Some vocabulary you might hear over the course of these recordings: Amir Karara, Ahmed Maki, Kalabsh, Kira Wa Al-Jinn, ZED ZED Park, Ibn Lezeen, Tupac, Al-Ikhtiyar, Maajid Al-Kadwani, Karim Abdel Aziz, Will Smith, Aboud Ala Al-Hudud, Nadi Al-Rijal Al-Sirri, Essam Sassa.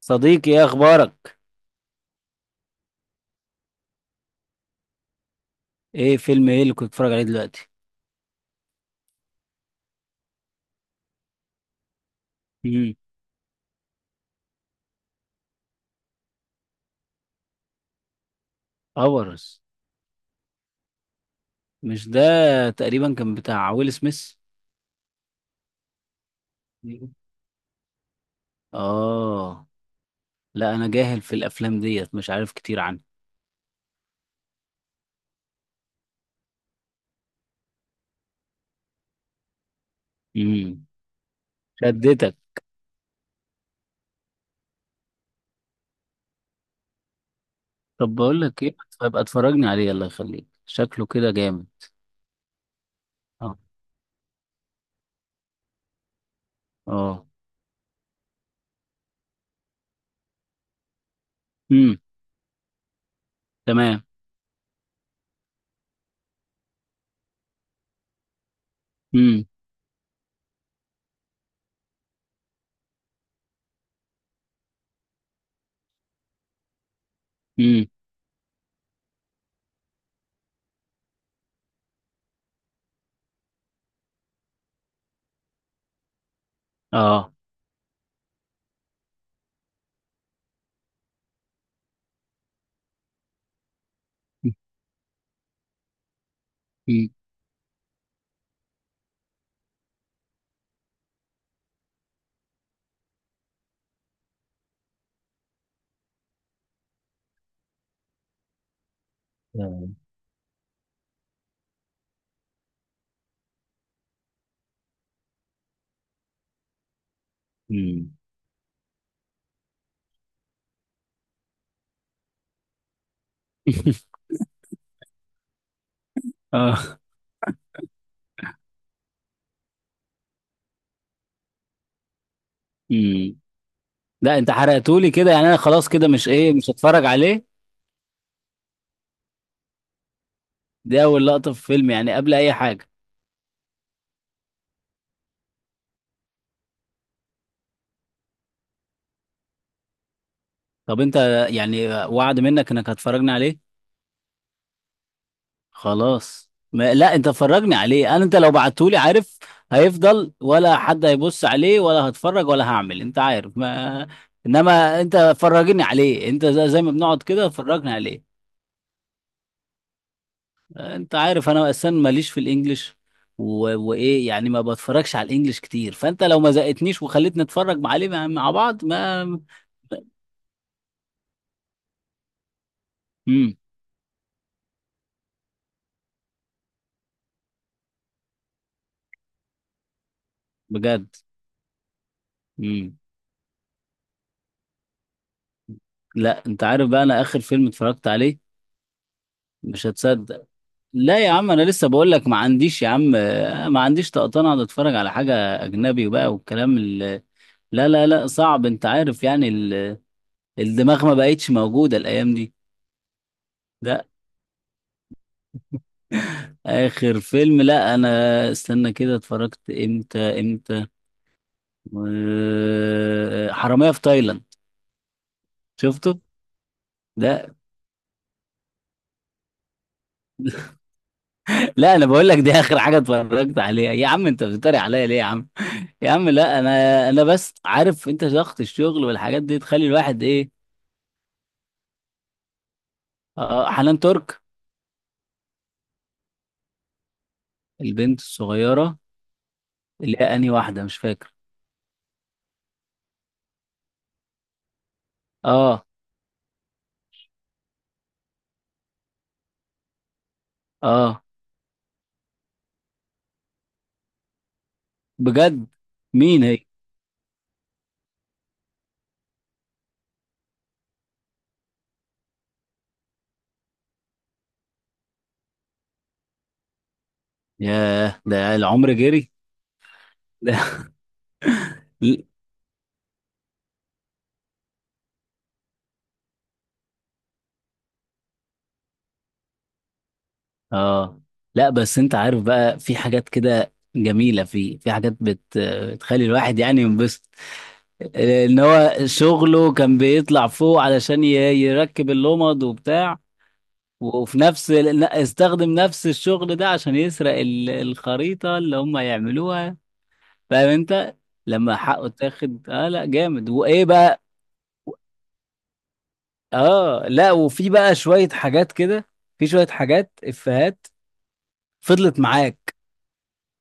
صديقي، ايه اخبارك؟ ايه، فيلم ايه اللي كنت بتتفرج عليه دلوقتي؟ امم. افرس. مش ده. تقريبا كان بتاع ويل سميث. مم. اه. لا انا جاهل في الافلام ديت، مش عارف كتير عنها. امم. شدتك. طب بقول لك ايه، ابقى اتفرجني عليه الله يخليك، شكله كده جامد. اه. اه. امم. تمام. امم. امم. اه. امم. امم. اه. امم. لا، انت حرقتولي كده يعني، انا خلاص كده مش ايه، مش هتفرج عليه. دي اول لقطة في فيلم يعني قبل اي حاجة. طب انت يعني، وعد منك انك هتفرجني عليه. خلاص، ما لا انت فرجني عليه، انا انت لو بعتهولي عارف، هيفضل ولا حد هيبص عليه ولا هتفرج ولا هعمل انت عارف. ما، انما انت فرجني عليه، انت زي ما بنقعد كده فرجني عليه. انت عارف انا اصلا ماليش في الانجليش، و... وايه يعني، ما بتفرجش على الانجليش كتير، فانت لو ما زقتنيش وخليتني اتفرج عليه مع بعض ما. امم. بجد. امم. لا انت عارف بقى، انا اخر فيلم اتفرجت عليه مش هتصدق. لا يا عم، انا لسه بقول لك ما عنديش يا عم، ما عنديش طقطان اقعد اتفرج على حاجه اجنبي بقى، والكلام ال... لا لا لا، صعب، انت عارف يعني ال... الدماغ ما بقتش موجوده الايام دي. لا اخر فيلم، لا انا، استنى كده، اتفرجت امتى؟ حرامية في تايلاند. شفته. ده، لا انا بقول لك دي اخر حاجه اتفرجت عليها يا عم. انت بتتريق عليا ليه يا عم؟ يا عم لا، انا بس عارف انت ضغط الشغل والحاجات دي تخلي الواحد ايه. آه، حنان ترك. البنت الصغيره. اللي هي انهي واحده، مش فاكر. اه. اه. بجد؟ مين هي؟ ياه، ده العمر جري. ده ل- اه لا، بس انت عارف بقى، في حاجات كده جميله، في حاجات بتخلي الواحد يعني ينبسط. لان هو شغله كان بيطلع فوق علشان يركب اللمض وبتاع، وفي نفس استخدم نفس الشغل ده عشان يسرق الخريطة اللي هم يعملوها، فاهم انت؟ لما حقه اتاخد، اه لا جامد، وايه بقى. اه لا، وفي بقى شوية حاجات كده، في شوية حاجات افيهات فضلت معاك.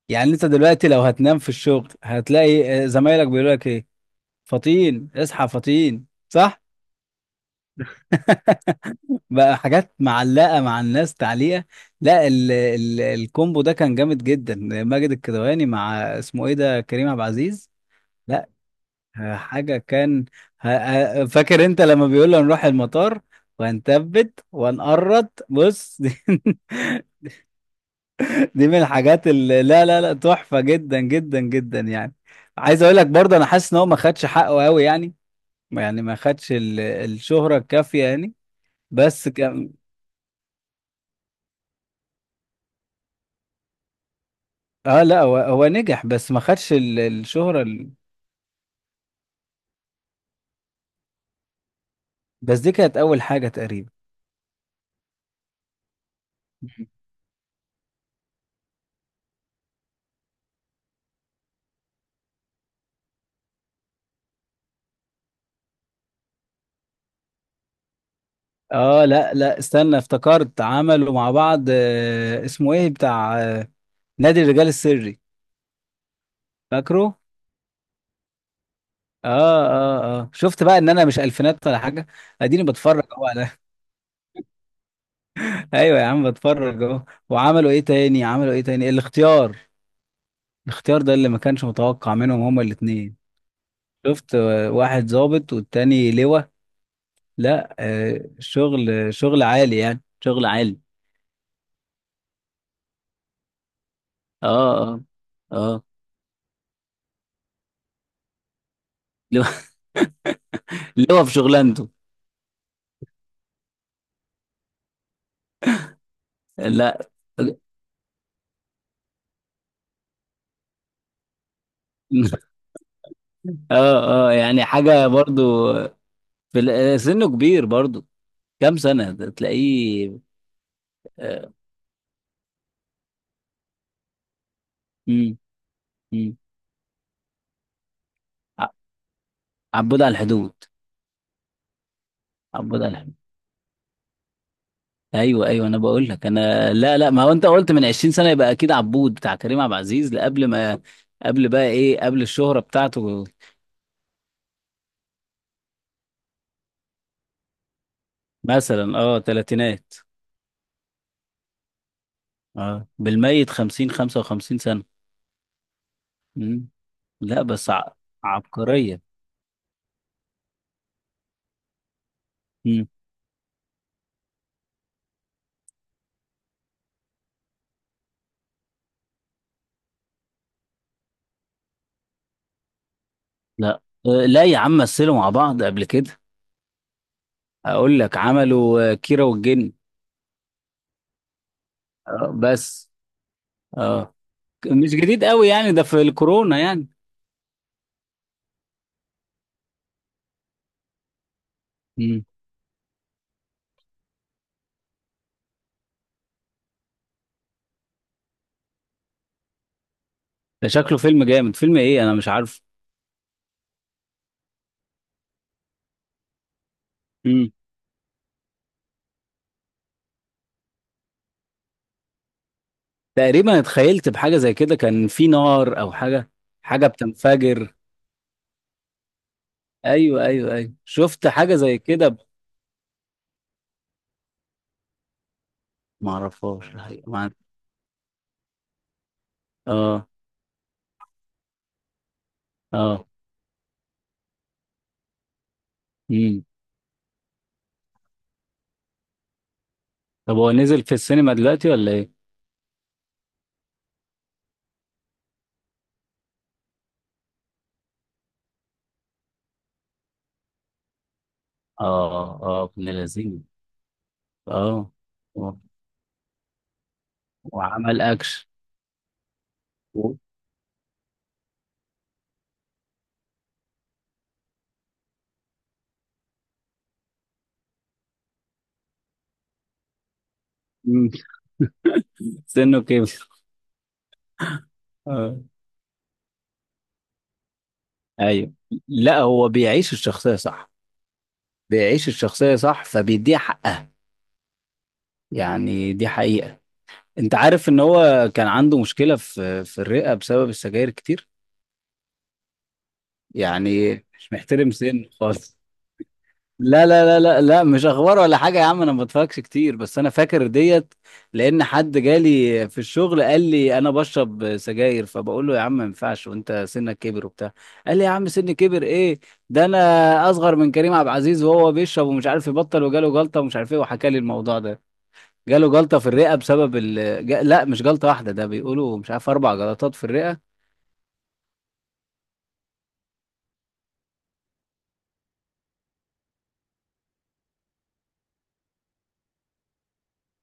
يعني انت دلوقتي لو هتنام في الشغل هتلاقي زمايلك بيقولوا لك ايه، فطين اصحى فطين، صح؟ بقى حاجات معلقة مع الناس تعليقة. لا، ال الكومبو ده كان جامد جدا. ماجد الكدواني مع اسمه ايه ده، كريم عبد العزيز. لا، حاجة كان، فاكر انت لما بيقول له نروح المطار، وهنثبت وهنقرط بص، دي من الحاجات اللي، لا لا لا، تحفة جدا جدا جدا يعني. عايز اقول لك برضه، انا حاسس ان هو ما خدش حقه قوي يعني، يعني ما خدش الشهرة الكافية يعني. بس اه لا، هو نجح، بس ما خدش الشهرة ال... بس دي كانت اول حاجة تقريبا. اه لا لا، استنى، افتكرت عملوا مع بعض، اسمه ايه، بتاع، نادي الرجال السري، فاكره. اه. اه. اه. شفت بقى ان انا مش الفينات ولا حاجة، اديني بتفرج اهو على. ايوه يا عم، بتفرج اهو. وعملوا ايه تاني، عملوا ايه تاني؟ الاختيار. الاختيار ده اللي ما كانش متوقع منهم هما الاتنين. شفت، واحد ظابط والتاني لواء. لا شغل شغل عالي يعني، شغل عالي. اه. اه. اه. اللي هو اللي هو في شغلانته. لا. اه. اه. يعني حاجة برضو. في سنه كبير برضو. كام سنة ده تلاقيه؟ آه. مم. مم. ع- عبود على الحدود. عبود على الحدود. ايوه ايوه، انا بقول لك، انا لا لا، ما هو انت قلت من 20 سنة، يبقى اكيد عبود بتاع كريم عبد العزيز قبل ما، قبل بقى ايه، قبل الشهرة بتاعته. مثلا اه، تلاتينات. اه، بالميت 50 55 سنة. مم. لا بس عبقرية. مم. لا لا يا عم، مثلوا مع بعض قبل كده. اقول لك عملوا، كيرة والجن. بس اه، مش جديد قوي يعني، ده في الكورونا يعني. مم. ده شكله فيلم جامد، فيلم ايه انا مش عارف. مم. تقريبا اتخيلت بحاجة زي كده، كان في نار او حاجة. حاجة بتنفجر. ايوه ايوه ايوه، شفت حاجة زي كده، ما اعرفهاش الحقيقة. اه. اه. مم. طب هو نزل في السينما دلوقتي ولا ايه؟ اه. اه. ابن لذين. اه، و- وعمل اكشن، و- مم. سنه كبر. اه. ايوه. لا هو بيعيش الشخصيه صح، بيعيش الشخصيه صح فبيديها حقها، يعني دي حقيقه. انت عارف ان هو كان عنده مشكله في الرئه بسبب السجاير كتير، يعني مش محترم سنه خالص. لا لا لا لا لا، مش اخبار ولا حاجه يا عم، انا ما بتفرجش كتير، بس انا فاكر ديت. لان حد جالي في الشغل قال لي انا بشرب سجاير، فبقول له يا عم ما ينفعش، وانت سنك كبر وبتاع. قال لي يا عم، سني كبر ايه؟ ده انا اصغر من كريم عبد العزيز، وهو بيشرب ومش عارف يبطل، وجاله جلطه ومش عارف ايه، وحكى لي الموضوع ده. جاله جلطه في الرئه بسبب ال... لا، مش جلطه واحده، ده بيقولوا مش عارف اربع جلطات في الرئه.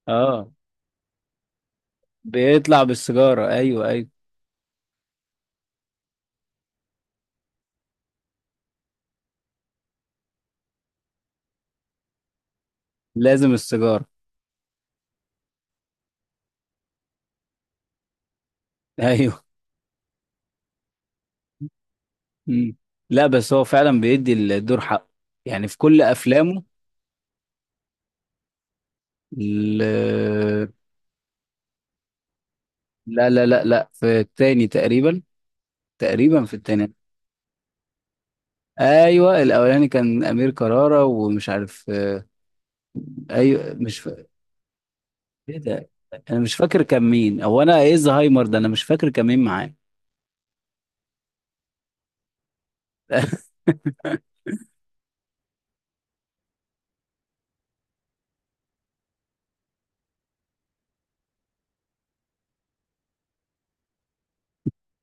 اه، بيطلع بالسيجاره، ايوه ايوه. لازم السيجاره. ايوه. مم. لا بس هو فعلا بيدي الدور حقه، يعني في كل افلامه. ال- لا لا لا لا، في التاني تقريبا. تقريبا في التاني. ايوه الاولاني كان امير كرارة ومش عارف. ايوه، مش ايه ده. انا مش فاكر كان مين، هو انا ايه، زهايمر ده، انا مش فاكر كان مين معاه.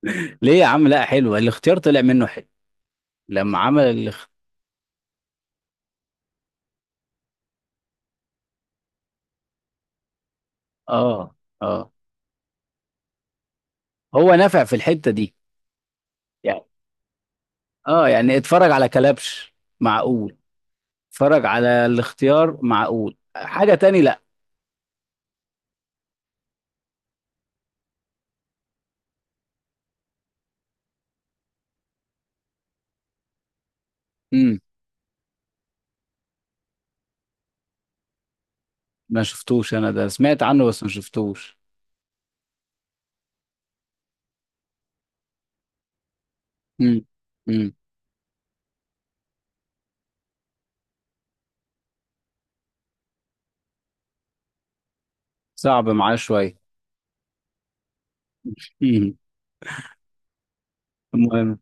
ليه يا عم؟ لا حلوه الاختيار، طلع منه حلو لما عمل اه. اه. هو نافع في الحته دي يعني. اه يعني اتفرج على كلبش. معقول. اتفرج على الاختيار معقول، حاجة تاني لا. امم. ما شفتوش انا ده، سمعت عنه بس ما شفتوش. امم. امم. صعب معاه شوية. مم. المهم،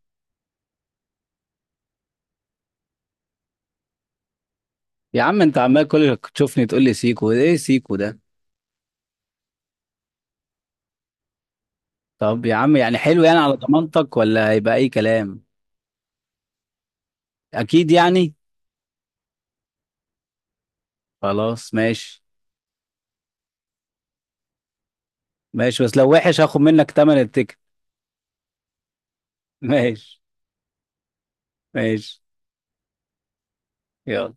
يا عم انت عمال كل تشوفني تقول لي سيكو، ايه سيكو ده؟ طب يا عم، يعني حلو يعني على ضمانتك ولا هيبقى اي كلام؟ اكيد يعني. خلاص ماشي. ماشي، بس لو وحش هاخد منك تمن التيكت. ماشي. ماشي، يلا.